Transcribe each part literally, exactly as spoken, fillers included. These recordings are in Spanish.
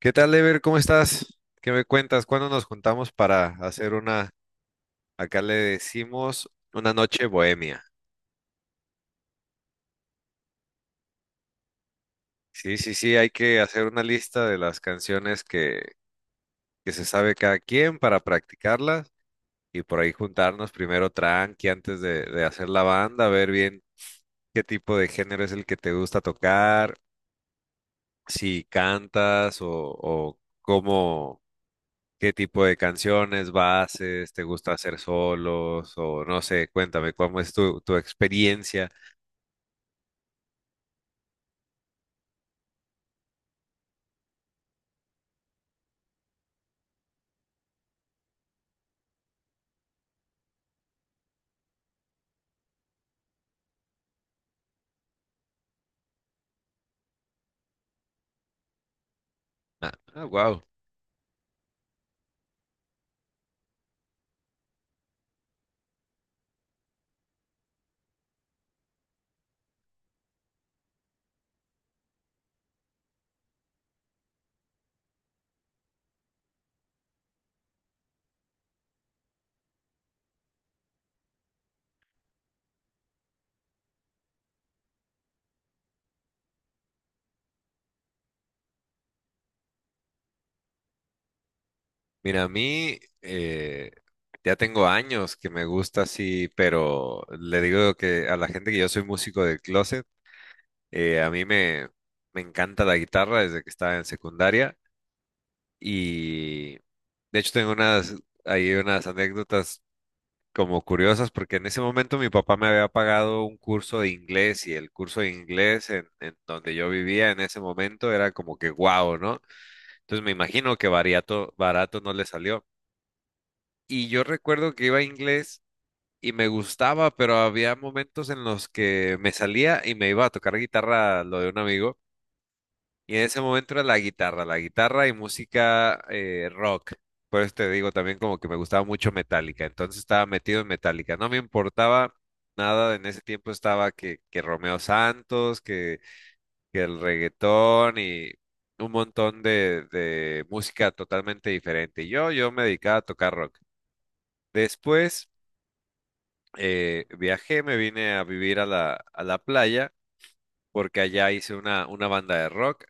¿Qué tal, Ever? ¿Cómo estás? ¿Qué me cuentas? ¿Cuándo nos juntamos para hacer una, acá le decimos, una noche bohemia? Sí, sí, sí, hay que hacer una lista de las canciones que, que se sabe cada quien para practicarlas y por ahí juntarnos primero tranqui antes de, de hacer la banda, ver bien qué tipo de género es el que te gusta tocar, si cantas o, o cómo. ¿Qué tipo de canciones, bases, te gusta hacer solos o no sé? Cuéntame, ¿cómo es tu, tu experiencia? Ah, wow. Mira, a mí eh, ya tengo años que me gusta así, pero le digo que a la gente que yo soy músico del closet, eh, a mí me, me encanta la guitarra desde que estaba en secundaria y de hecho tengo unas, hay unas anécdotas como curiosas, porque en ese momento mi papá me había pagado un curso de inglés y el curso de inglés en, en donde yo vivía en ese momento era como que guau, ¿no? Entonces me imagino que barato, barato no le salió. Y yo recuerdo que iba a inglés y me gustaba, pero había momentos en los que me salía y me iba a tocar guitarra lo de un amigo. Y en ese momento era la guitarra, la guitarra y música eh, rock. Por eso te digo también como que me gustaba mucho Metallica, entonces estaba metido en Metallica. No me importaba nada, en ese tiempo estaba que, que Romeo Santos, que, que el reggaetón y un montón de, de música totalmente diferente. Y Yo, yo me dedicaba a tocar rock. Después eh, viajé, me vine a vivir a la, a la playa porque allá hice una, una banda de rock.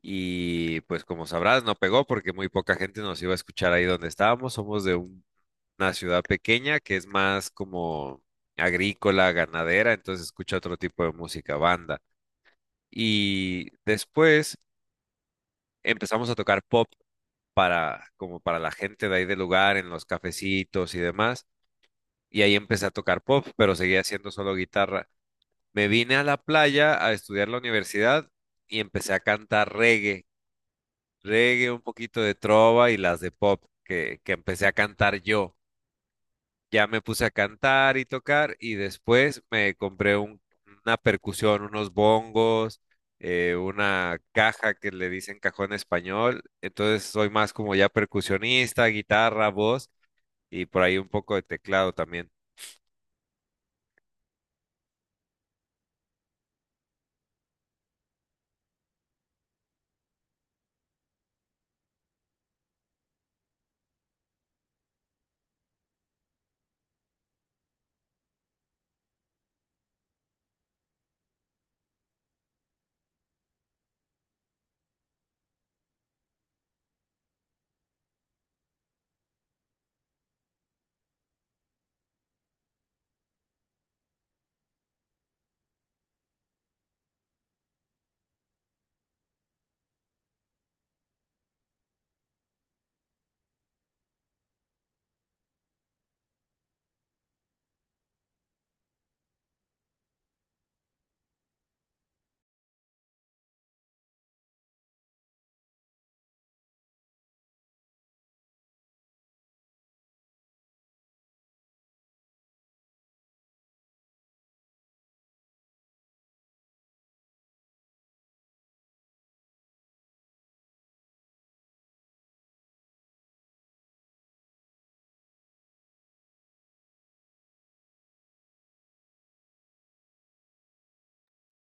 Y pues como sabrás, no pegó porque muy poca gente nos iba a escuchar ahí donde estábamos. Somos de un- una ciudad pequeña que es más como agrícola, ganadera, entonces escucha otro tipo de música, banda. Y después empezamos a tocar pop para como para la gente de ahí del lugar, en los cafecitos y demás. Y ahí empecé a tocar pop, pero seguía haciendo solo guitarra. Me vine a la playa a estudiar la universidad y empecé a cantar reggae reggae, un poquito de trova y las de pop que, que empecé a cantar yo. Ya me puse a cantar y tocar y después me compré un- una percusión, unos bongos, eh, una caja que le dicen cajón español. Entonces soy más como ya percusionista, guitarra, voz y por ahí un poco de teclado también.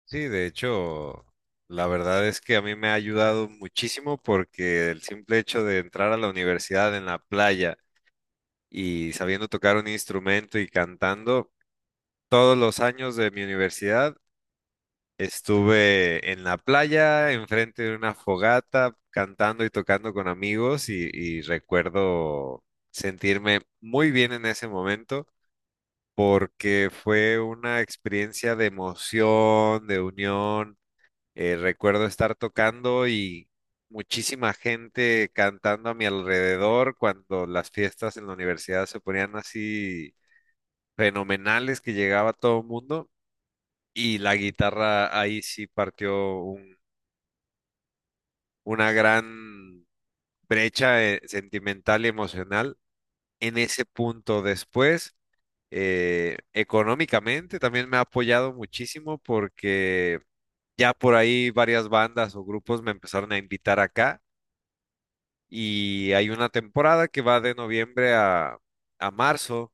Sí, de hecho, la verdad es que a mí me ha ayudado muchísimo porque el simple hecho de entrar a la universidad en la playa, y sabiendo tocar un instrumento y cantando. Todos los años de mi universidad estuve en la playa, enfrente de una fogata, cantando y tocando con amigos y, y recuerdo sentirme muy bien en ese momento porque fue una experiencia de emoción, de unión. Eh, recuerdo estar tocando y muchísima gente cantando a mi alrededor cuando las fiestas en la universidad se ponían así fenomenales que llegaba todo el mundo y la guitarra ahí sí partió un- una gran brecha eh, sentimental y emocional en ese punto. Después, eh, económicamente también me ha apoyado muchísimo porque ya por ahí varias bandas o grupos me empezaron a invitar acá y hay una temporada que va de noviembre a, a marzo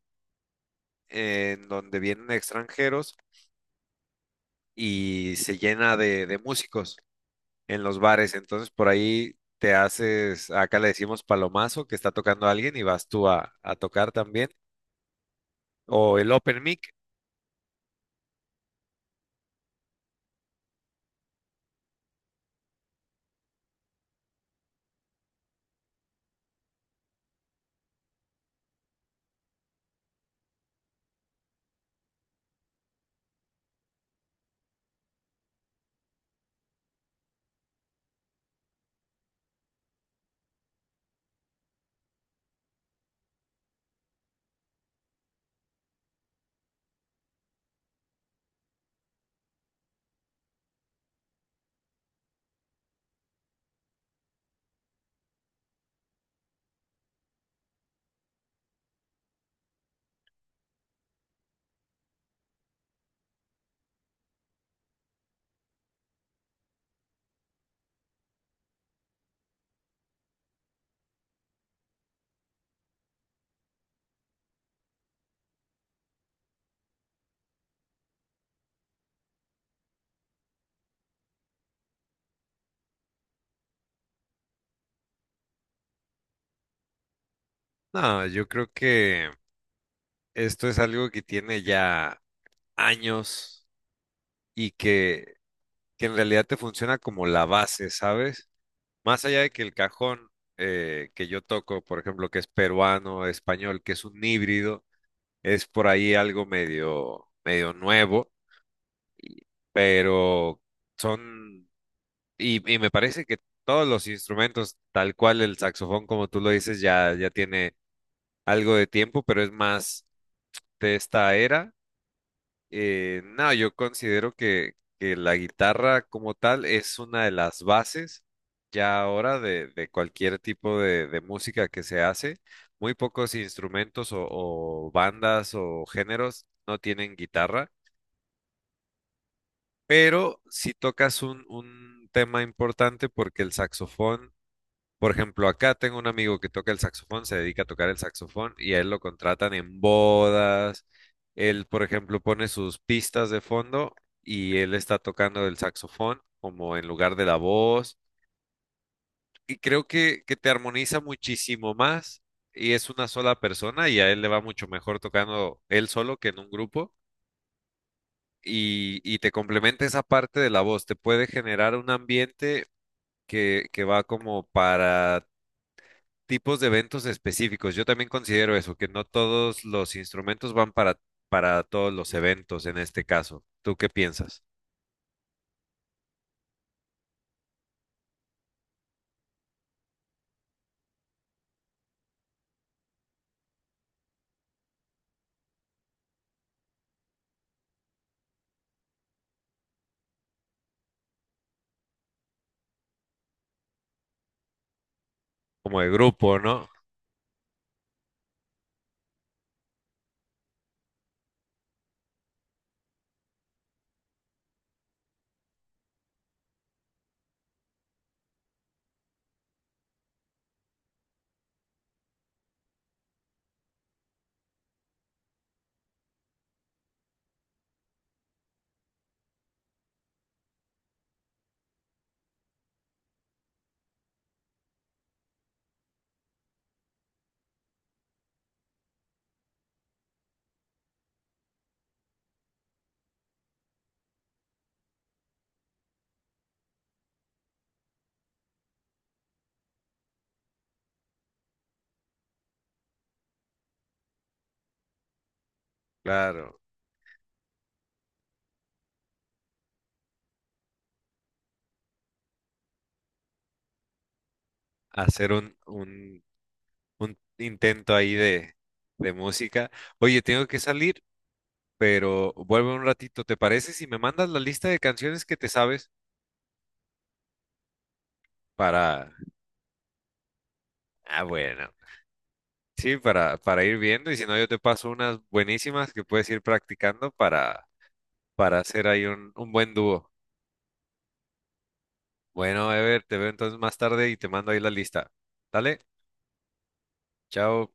en donde vienen extranjeros y se llena de de músicos en los bares. Entonces por ahí te haces, acá le decimos palomazo, que está tocando alguien y vas tú a, a tocar también. O el open mic. No, yo creo que esto es algo que tiene ya años y que, que en realidad te funciona como la base, ¿sabes? Más allá de que el cajón eh, que yo toco, por ejemplo, que es peruano, español, que es un híbrido, es por ahí algo medio, medio nuevo, y- pero son. Y, y me parece que todos los instrumentos, tal cual el saxofón, como tú lo dices, ya, ya tiene algo de tiempo, pero es más de esta era. Eh, no, yo considero que, que la guitarra como tal es una de las bases ya ahora de, de cualquier tipo de, de música que se hace. Muy pocos instrumentos o, o bandas o géneros no tienen guitarra, pero si tocas un, un tema importante porque el saxofón, por ejemplo, acá tengo un amigo que toca el saxofón, se dedica a tocar el saxofón y a él lo contratan en bodas. Él, por ejemplo, pone sus pistas de fondo y él está tocando el saxofón como en lugar de la voz. Y creo que, que te armoniza muchísimo más y es una sola persona y a él le va mucho mejor tocando él solo que en un grupo. Y, y te complementa esa parte de la voz, te puede generar un ambiente que, que va como para tipos de eventos específicos. Yo también considero eso, que no todos los instrumentos van para, para todos los eventos en este caso. ¿Tú qué piensas? Como de grupo, ¿no? Claro, hacer un, un, un intento ahí de, de música. Oye, tengo que salir, pero vuelvo un ratito. ¿Te parece si me mandas la lista de canciones que te sabes para... Ah, bueno. Sí, para, para ir viendo y si no yo te paso unas buenísimas que puedes ir practicando para, para hacer ahí un un buen dúo. Bueno, Ever, te veo entonces más tarde y te mando ahí la lista. Dale, chao.